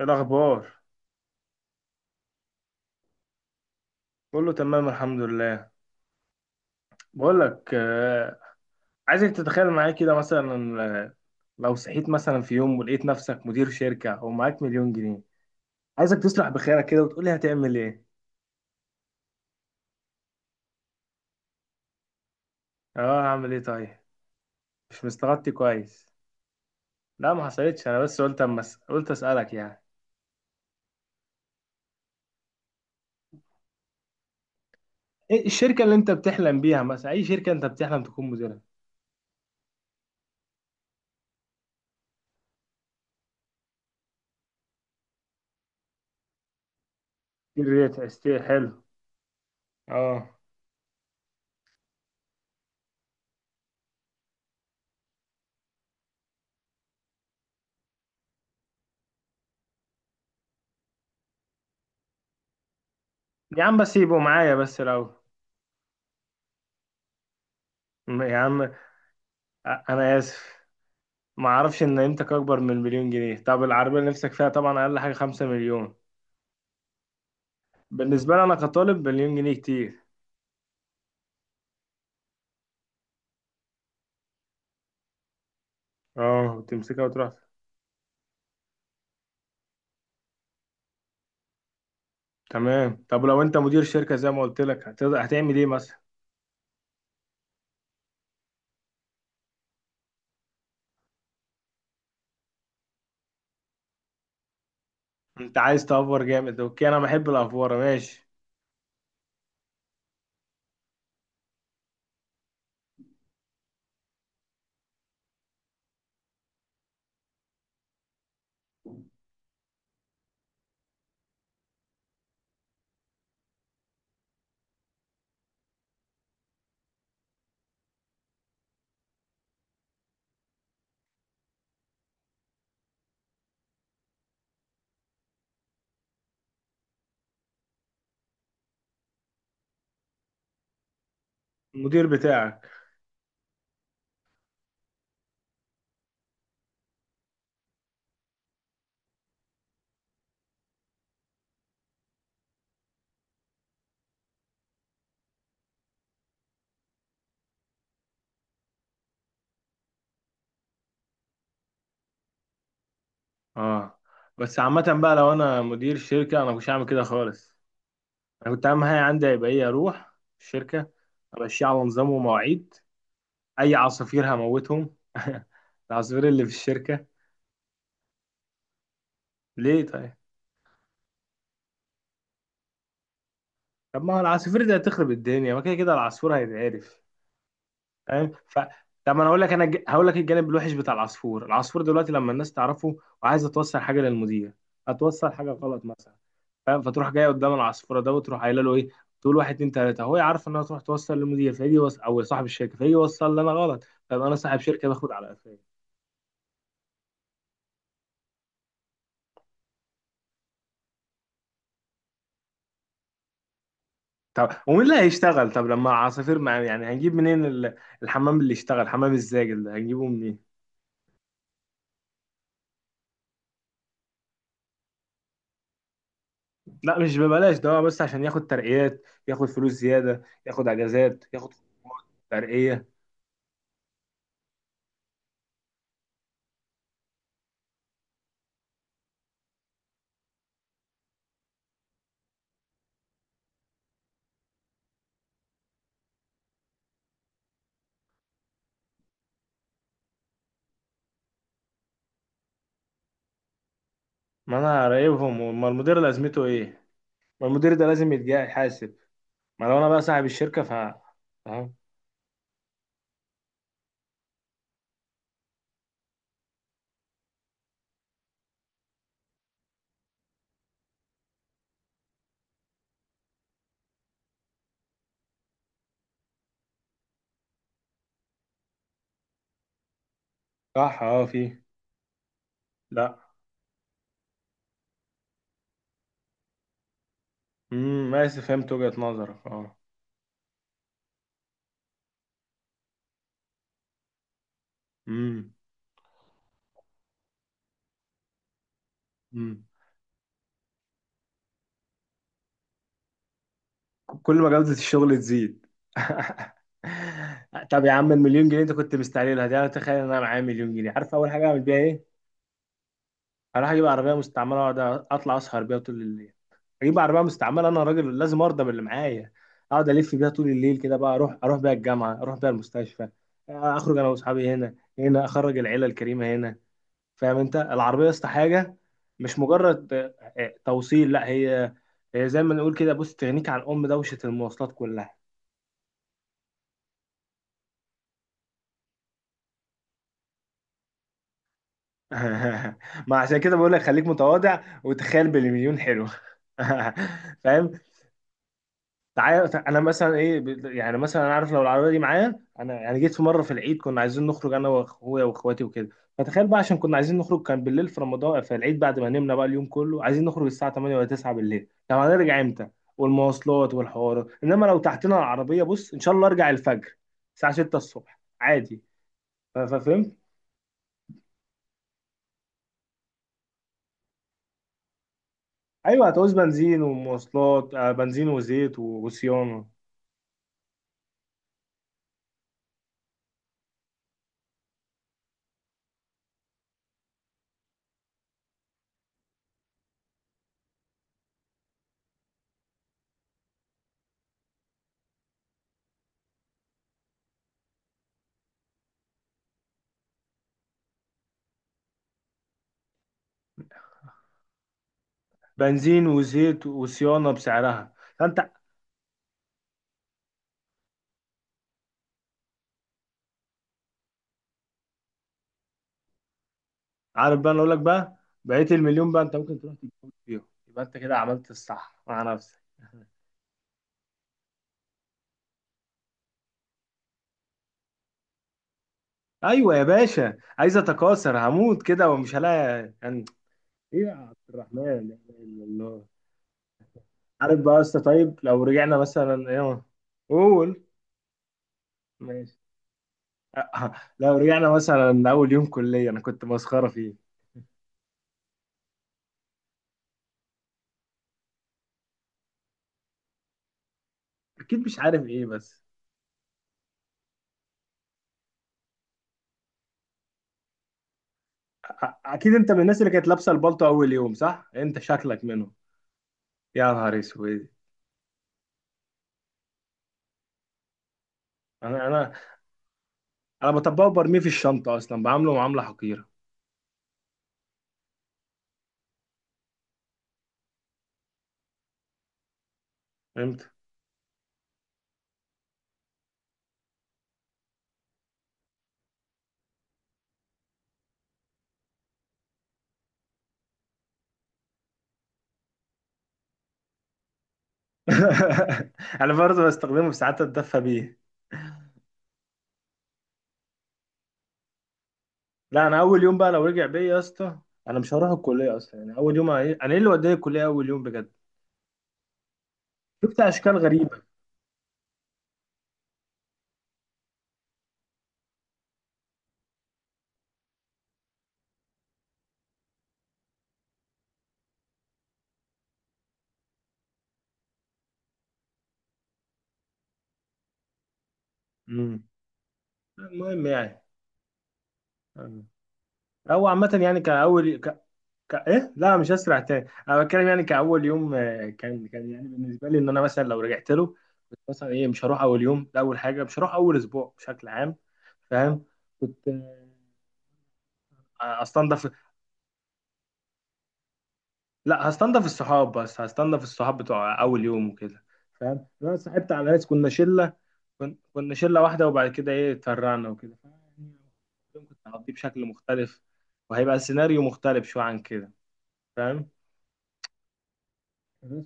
ايه الاخبار؟ كله تمام الحمد لله. بقول لك، عايزك تتخيل معايا كده مثلا، لو صحيت مثلا في يوم ولقيت نفسك مدير شركة ومعاك مليون جنيه. عايزك تصلح بخيرك كده وتقولي هتعمل ايه. اه، هعمل ايه طيب؟ مش مستغطي كويس. لا ما حصلتش، انا بس قلت قلت اسالك يعني. ايه الشركة اللي انت بتحلم بيها مثلا؟ اي شركة انت بتحلم تكون مديرها؟ ريت استيل حلو. اه يا عم، بس يبقوا معايا بس لو. يا عم، انا اسف. ما اعرفش ان قيمتك اكبر من مليون جنيه. طب العربيه اللي نفسك فيها طبعا اقل حاجه خمسة مليون. بالنسبه لي انا كطالب، مليون جنيه كتير. اه، تمسكها وتروح. تمام، طب لو انت مدير شركه زي ما قلت لك، هتعمل ايه مثلا؟ انت عايز تافور جامد؟ اوكي، انا بحب الافوره، ماشي. المدير بتاعك. اه. بس عامه بقى، لو انا مدير شركه، انا مش هعمل كده خالص. انا كنت اهم حاجه عندي هيبقى ايه، اروح الشركه، امشيها على نظام ومواعيد. اي عصافير هموتهم العصافير اللي في الشركه. ليه طيب؟ طب ما هو العصافير دي هتخرب الدنيا، ما كده كده العصفور هيتعرف. فاهم؟ ف طب ما انا اقول لك، هقول لك الجانب الوحش بتاع العصفور. العصفور دلوقتي لما الناس تعرفه وعايزه توصل حاجه للمدير، هتوصل حاجه غلط مثلا. فاهم؟ فتروح جايه قدام العصفوره ده وتروح قايله له ايه، تقول واحد اتنين تلاته، هو عارف انها تروح توصل للمدير، او صاحب الشركه فيجي يوصل لي انا غلط. فابقى انا صاحب شركه باخد على قفايا. طب ومين اللي هيشتغل؟ طب لما يعني هنجيب منين الحمام اللي يشتغل، حمام الزاجل ده هنجيبه منين؟ لا، مش ببلاش ده، هو بس عشان ياخد ترقيات، ياخد فلوس زيادة، ياخد اجازات، ياخد خروجات، ترقية. ما انا راقبهم، ما المدير لازمته ايه؟ ما المدير ده لازم يحاسب. ما لو انا بقى صاحب الشركة، ف فاهم. صح، اه، في. لا. امم، ماشي، فهمت وجهة نظرك، اه. امم. امم. كل ما جودة الشغل تزيد طب يا عم المليون جنيه انت كنت مستعجلها دي، انا تخيل ان انا معايا مليون جنيه، عارف اول حاجة اعمل بيها ايه؟ هروح اجيب عربية مستعملة واقعد اطلع اسهر بيها طول الليل. اجيب عربيه مستعمله، انا راجل لازم ارضى باللي معايا. اقعد الف بيها طول الليل كده بقى، اروح اروح بيها الجامعه، اروح بيها المستشفى، اخرج انا واصحابي هنا هنا، اخرج العيله الكريمه هنا. فاهم؟ انت العربيه يا اسطى حاجه. مش مجرد توصيل، لا. هي هي زي ما نقول كده، بص، تغنيك عن ام دوشه المواصلات كلها ما عشان كده بقول لك، خليك متواضع وتخيل بالمليون حلو فاهم؟ تعالى انا مثلا ايه، يعني مثلا انا عارف، لو العربيه دي معايا، انا يعني جيت في مره في العيد كنا عايزين نخرج انا واخويا واخواتي وكده. فتخيل بقى، عشان كنا عايزين نخرج، كان بالليل في رمضان في العيد، بعد ما نمنا بقى اليوم كله عايزين نخرج الساعه 8 ولا 9 بالليل، طب هنرجع امتى؟ والمواصلات والحوار. انما لو تحتنا العربيه، بص ان شاء الله ارجع الفجر، الساعه 6 الصبح عادي. ففهمت. ايوه، هتعوز بنزين ومواصلات، بنزين وزيت وصيانه. بنزين وزيت وصيانه بسعرها. فانت عارف بقى، انا اقول لك بقى، بقيت المليون بقى انت ممكن تروح تتجوز فيهم، يبقى انت كده عملت الصح مع نفسك. ايوه يا باشا، عايز اتكاثر، هموت كده ومش هلاقي يعني. ايه يا عبد الرحمن، لا اله الا الله. عارف بقى يا اسطى؟ طيب لو رجعنا مثلا ايه، قول. ماشي أه، لو رجعنا مثلا اول يوم كليه، انا كنت مسخره فيه. اكيد مش عارف ايه بس. اكيد انت من الناس اللي كانت لابسه البلطو اول يوم، صح؟ انت شكلك منهم. يا نهار اسود. انا انا انا بطبقه وبرميه في الشنطه اصلا، بعامله معامله حقيره. فهمت انا برضه بستخدمه في ساعات اتدفى بيه. لا انا اول يوم بقى لو رجع بيا يا اسطى، انا مش هروح الكليه اصلا يعني. اول يوم انا ايه اللي وداني الكليه اول يوم بجد؟ شفت اشكال غريبه. امم. المهم يعني. او عامه يعني ايه، لا مش هسرع تاني، انا بتكلم يعني كاول يوم، كان يعني بالنسبه لي ان انا مثلا لو رجعت له، كنت مثلا ايه، مش هروح اول يوم ده، اول حاجه مش هروح اول اسبوع بشكل عام. فاهم؟ كنت هستنضف. لا، هستنضف الصحاب، بس هستنضف الصحاب بتوع اول يوم وكده. فاهم؟ لو انا صاحبت على ناس كنا شله، كنا شله واحده، وبعد كده ايه اتفرعنا وكده، فيعني اليوم كنت هقضيه بشكل مختلف، وهيبقى السيناريو مختلف شويه عن كده. فاهم؟ بس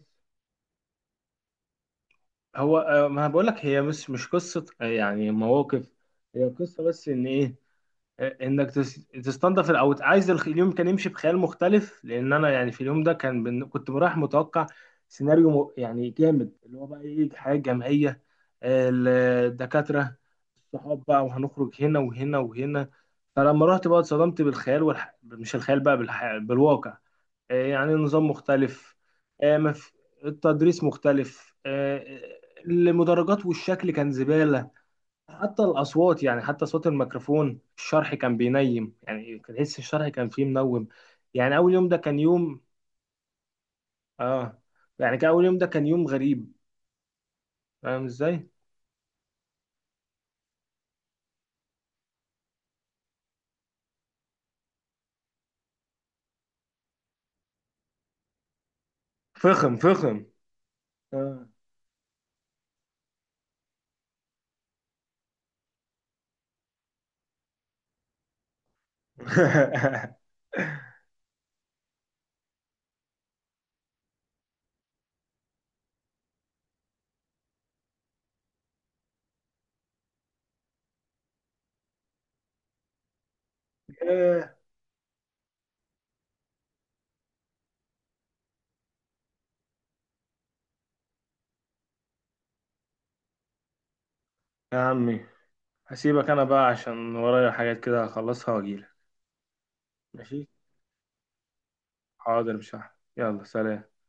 هو ما بقول لك، هي مش قصه يعني مواقف. هي قصه بس ان ايه، انك تستنضف او عايز اليوم كان يمشي بخيال مختلف، لان انا يعني في اليوم ده كنت رايح متوقع يعني جامد، اللي هو بقى ايه، حياه جمعيه، ال- الدكاتره، الصحاب بقى، وهنخرج هنا وهنا وهنا. فلما رحت بقى اتصدمت بالخيال مش الخيال بقى بالواقع. يعني نظام مختلف، آه، مف... التدريس مختلف، المدرجات والشكل كان زباله. حتى الأصوات يعني، حتى صوت الميكروفون، الشرح كان بينيم، يعني كان تحس الشرح كان فيه منوم. يعني أول يوم ده كان يوم، آه، يعني كان أول يوم ده كان يوم غريب. فاهم إزاي؟ فخم فخم. آه إيه يا عمي، هسيبك أنا بقى عشان ورايا حاجات كده هخلصها وأجيلك. ماشي؟ حاضر، مش هحب. يلا سلام.